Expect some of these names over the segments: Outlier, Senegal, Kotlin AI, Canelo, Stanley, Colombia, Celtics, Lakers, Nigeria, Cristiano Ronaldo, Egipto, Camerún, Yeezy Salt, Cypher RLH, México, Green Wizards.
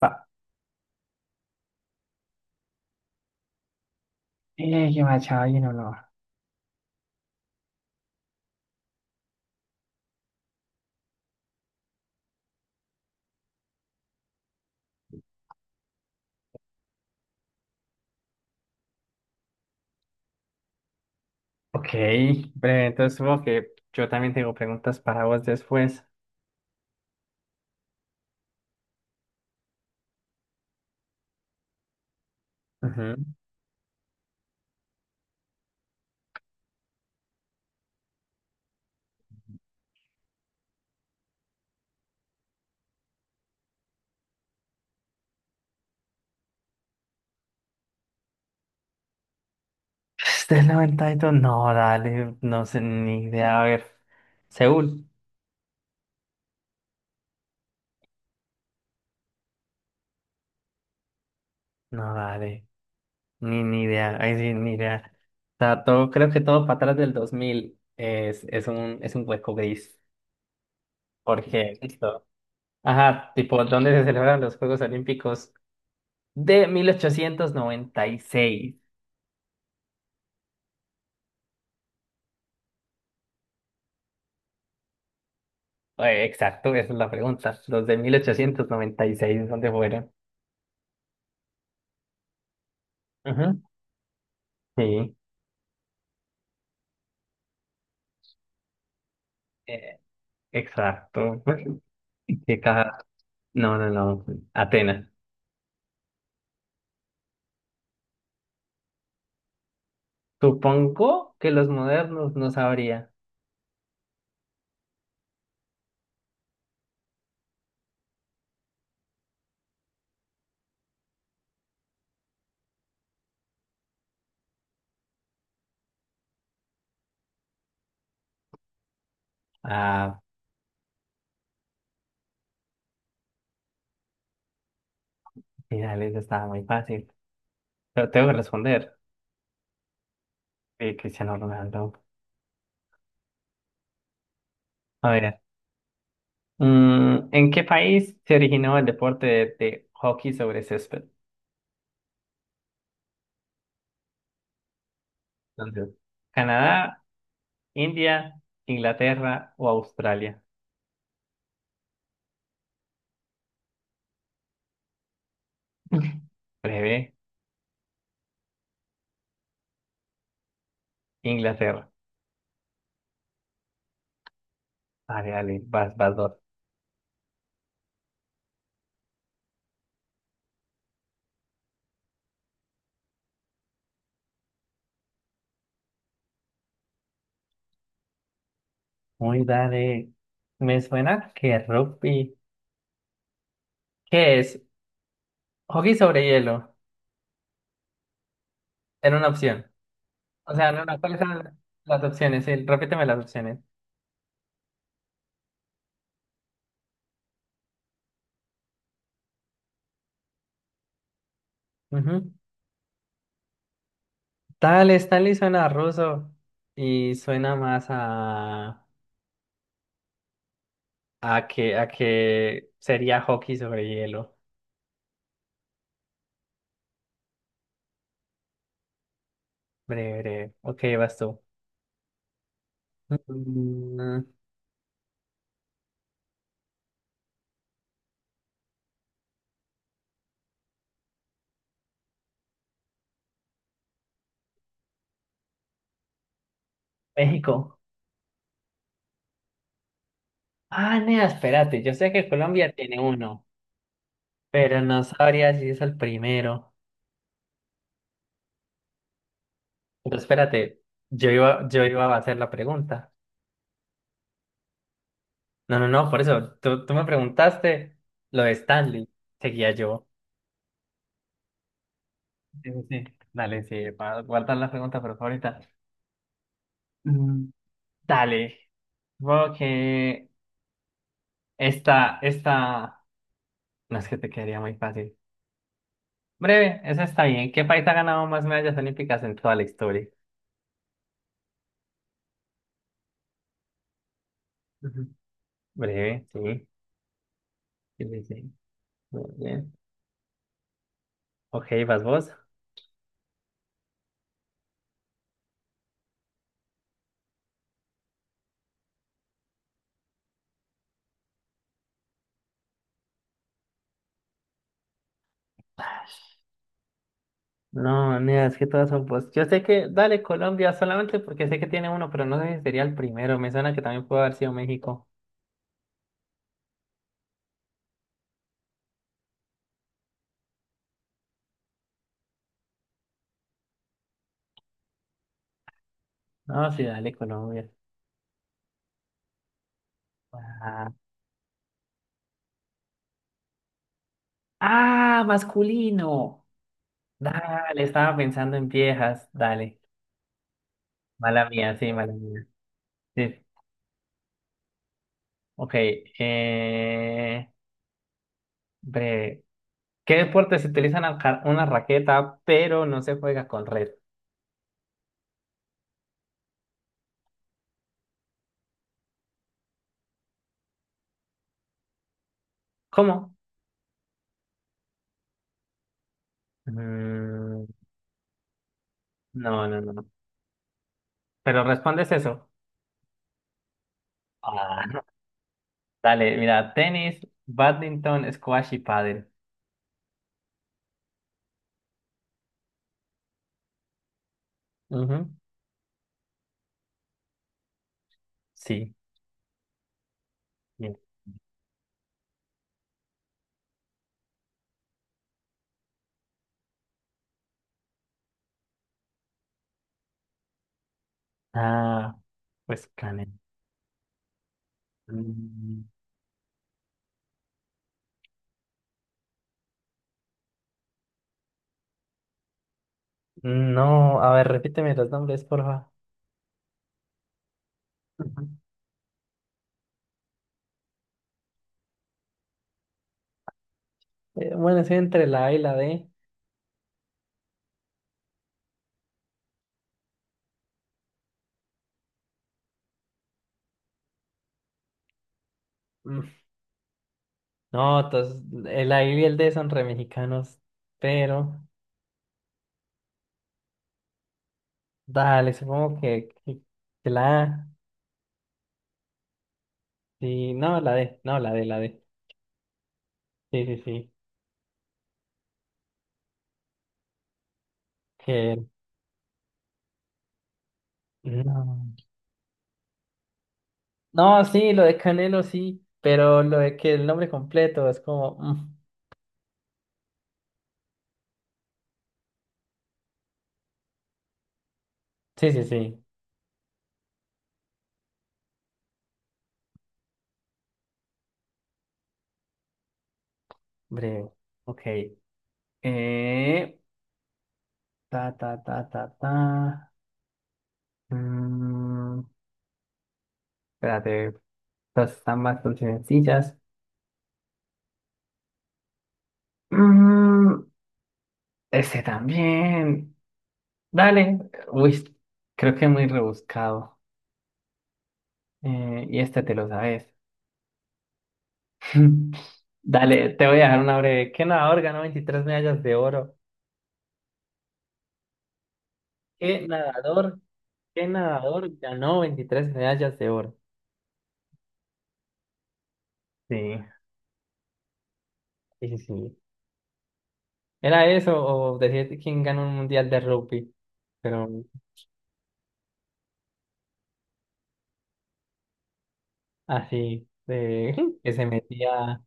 Va. Yo Machado, ¿y no lo? Ok, breve. Entonces, supongo que yo también tengo preguntas para vos después. Ujú. Del 92, no, dale, no sé ni idea. A ver, Seúl, no, dale, ni idea. Ahí sí, ni idea. O sea, todo, creo que todo para atrás del 2000 es un hueco gris. Porque, listo. Ajá, tipo, ¿dónde se celebran los Juegos Olímpicos de 1896? Exacto, esa es la pregunta. Los de 1896, ¿dónde fueron? Ujú. Sí, eh, exacto. ¿Qué caja? No, no, no. Atenas. Supongo que los modernos no sabría. Ah, finales estaba muy fácil. Pero tengo que responder. Sí, Cristiano Ronaldo. A ver. ¿En qué país se originó el deporte de hockey sobre césped? Entonces, ¿Canadá, India, Inglaterra o Australia? Breve. Inglaterra. Dale, dale, vas dos. Muy dale. Me suena que rugby. ¿Qué es? Hockey sobre hielo. Era una opción. O sea, no, no, ¿cuáles eran las opciones? Sí, repíteme las opciones. Ujú. Dale, Stanley suena a ruso y suena más a que sería hockey sobre hielo. Breve, breve. Ok, vas tú. Mm, México. Ah, nea, espérate. Yo sé que Colombia tiene uno. Pero no sabría si es el primero. Pero espérate, yo iba a hacer la pregunta. No, no, no, por eso, tú me preguntaste lo de Stanley. Seguía yo. Sí, sí, sí. Dale, sí, para guardar la pregunta, pero ahorita. Mm, dale. Supongo que esta no es que te quedaría muy fácil. Breve, esa está bien. ¿Qué país ha ganado más medallas olímpicas en toda la historia? Ujú. Breve, sí. Sí, sí, sí. Muy bien. Ok, vas vos. No, mira, es que todas son post. Yo sé que, dale, Colombia, solamente porque sé que tiene uno, pero no sé si sería el primero. Me suena que también puede haber sido México. No, sí, dale, Colombia. Ah. ¡Ah, masculino! Dale, estaba pensando en viejas. Dale. Mala mía, sí, mala mía. Sí. Ok. Eh... Bre... ¿Qué deportes se utilizan una raqueta, pero no se juega con red? ¿Cómo? Mm, no, no, no. No. Pero respondes eso. Ah. Dale, mira, tenis, badminton, squash y pádel. Ujú. Sí, bien. Ah, pues cane. Mm, no, a ver, repíteme los nombres, porfa. Ujú. Bueno, estoy entre la A y la D. Mm, no, entonces, el A y el D son re mexicanos, pero dale, supongo que la A. Sí, no, la D, no, la D. Sí, sí, sí. Que no. No, sí, lo de Canelo sí, pero lo de que el nombre completo es como. Sí, sí, sí. Breve. Ok. Eh, ta, ta, ta, ta, ta. Mm, espérate, estas están bastante sencillas. Mm, este también. Dale. Uy, creo que es muy rebuscado. Y este te lo sabes. Dale, te voy a dejar una breve. ¿Qué nadador ganó 23 medallas de oro? ¿Qué nadador, qué nadador ganó 23 medallas de oro? Sí. Sí, sí, sí. Era eso o decir quién ganó un mundial de rugby, pero así, de, que se metía,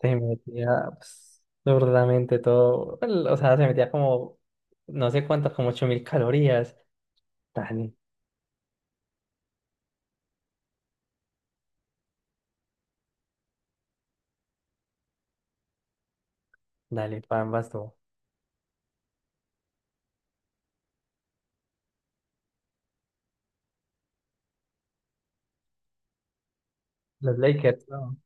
se metía pues, absurdamente todo, o sea, se metía como, no sé cuántas, como 8.000 calorías. Dale, dale, pambas tú. Los Lakers, no.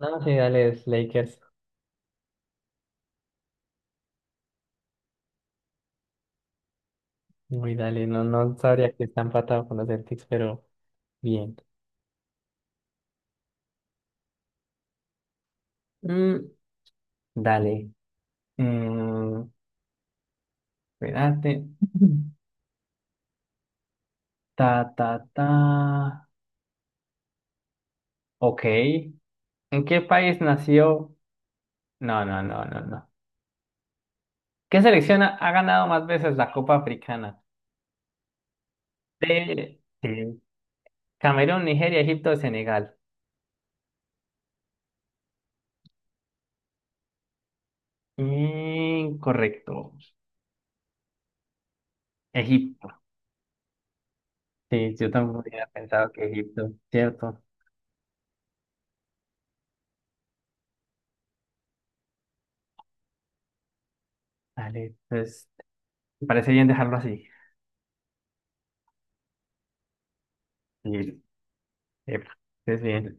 No, sí, dale, los Lakers. Muy dale, no, no sabría que están empatado con los Celtics, pero bien. Dale. Mm, espérate. Ta, ta, ta. Ok. ¿En qué país nació? No, no, no, no, no. ¿Qué selección ha ganado más veces la Copa Africana? De sí. Camerún, Nigeria, Egipto, Senegal. Incorrecto. Egipto. Sí, yo también hubiera pensado que Egipto, ¿cierto? Dale, pues, me parece bien dejarlo así. Sí. Epa, estés bien.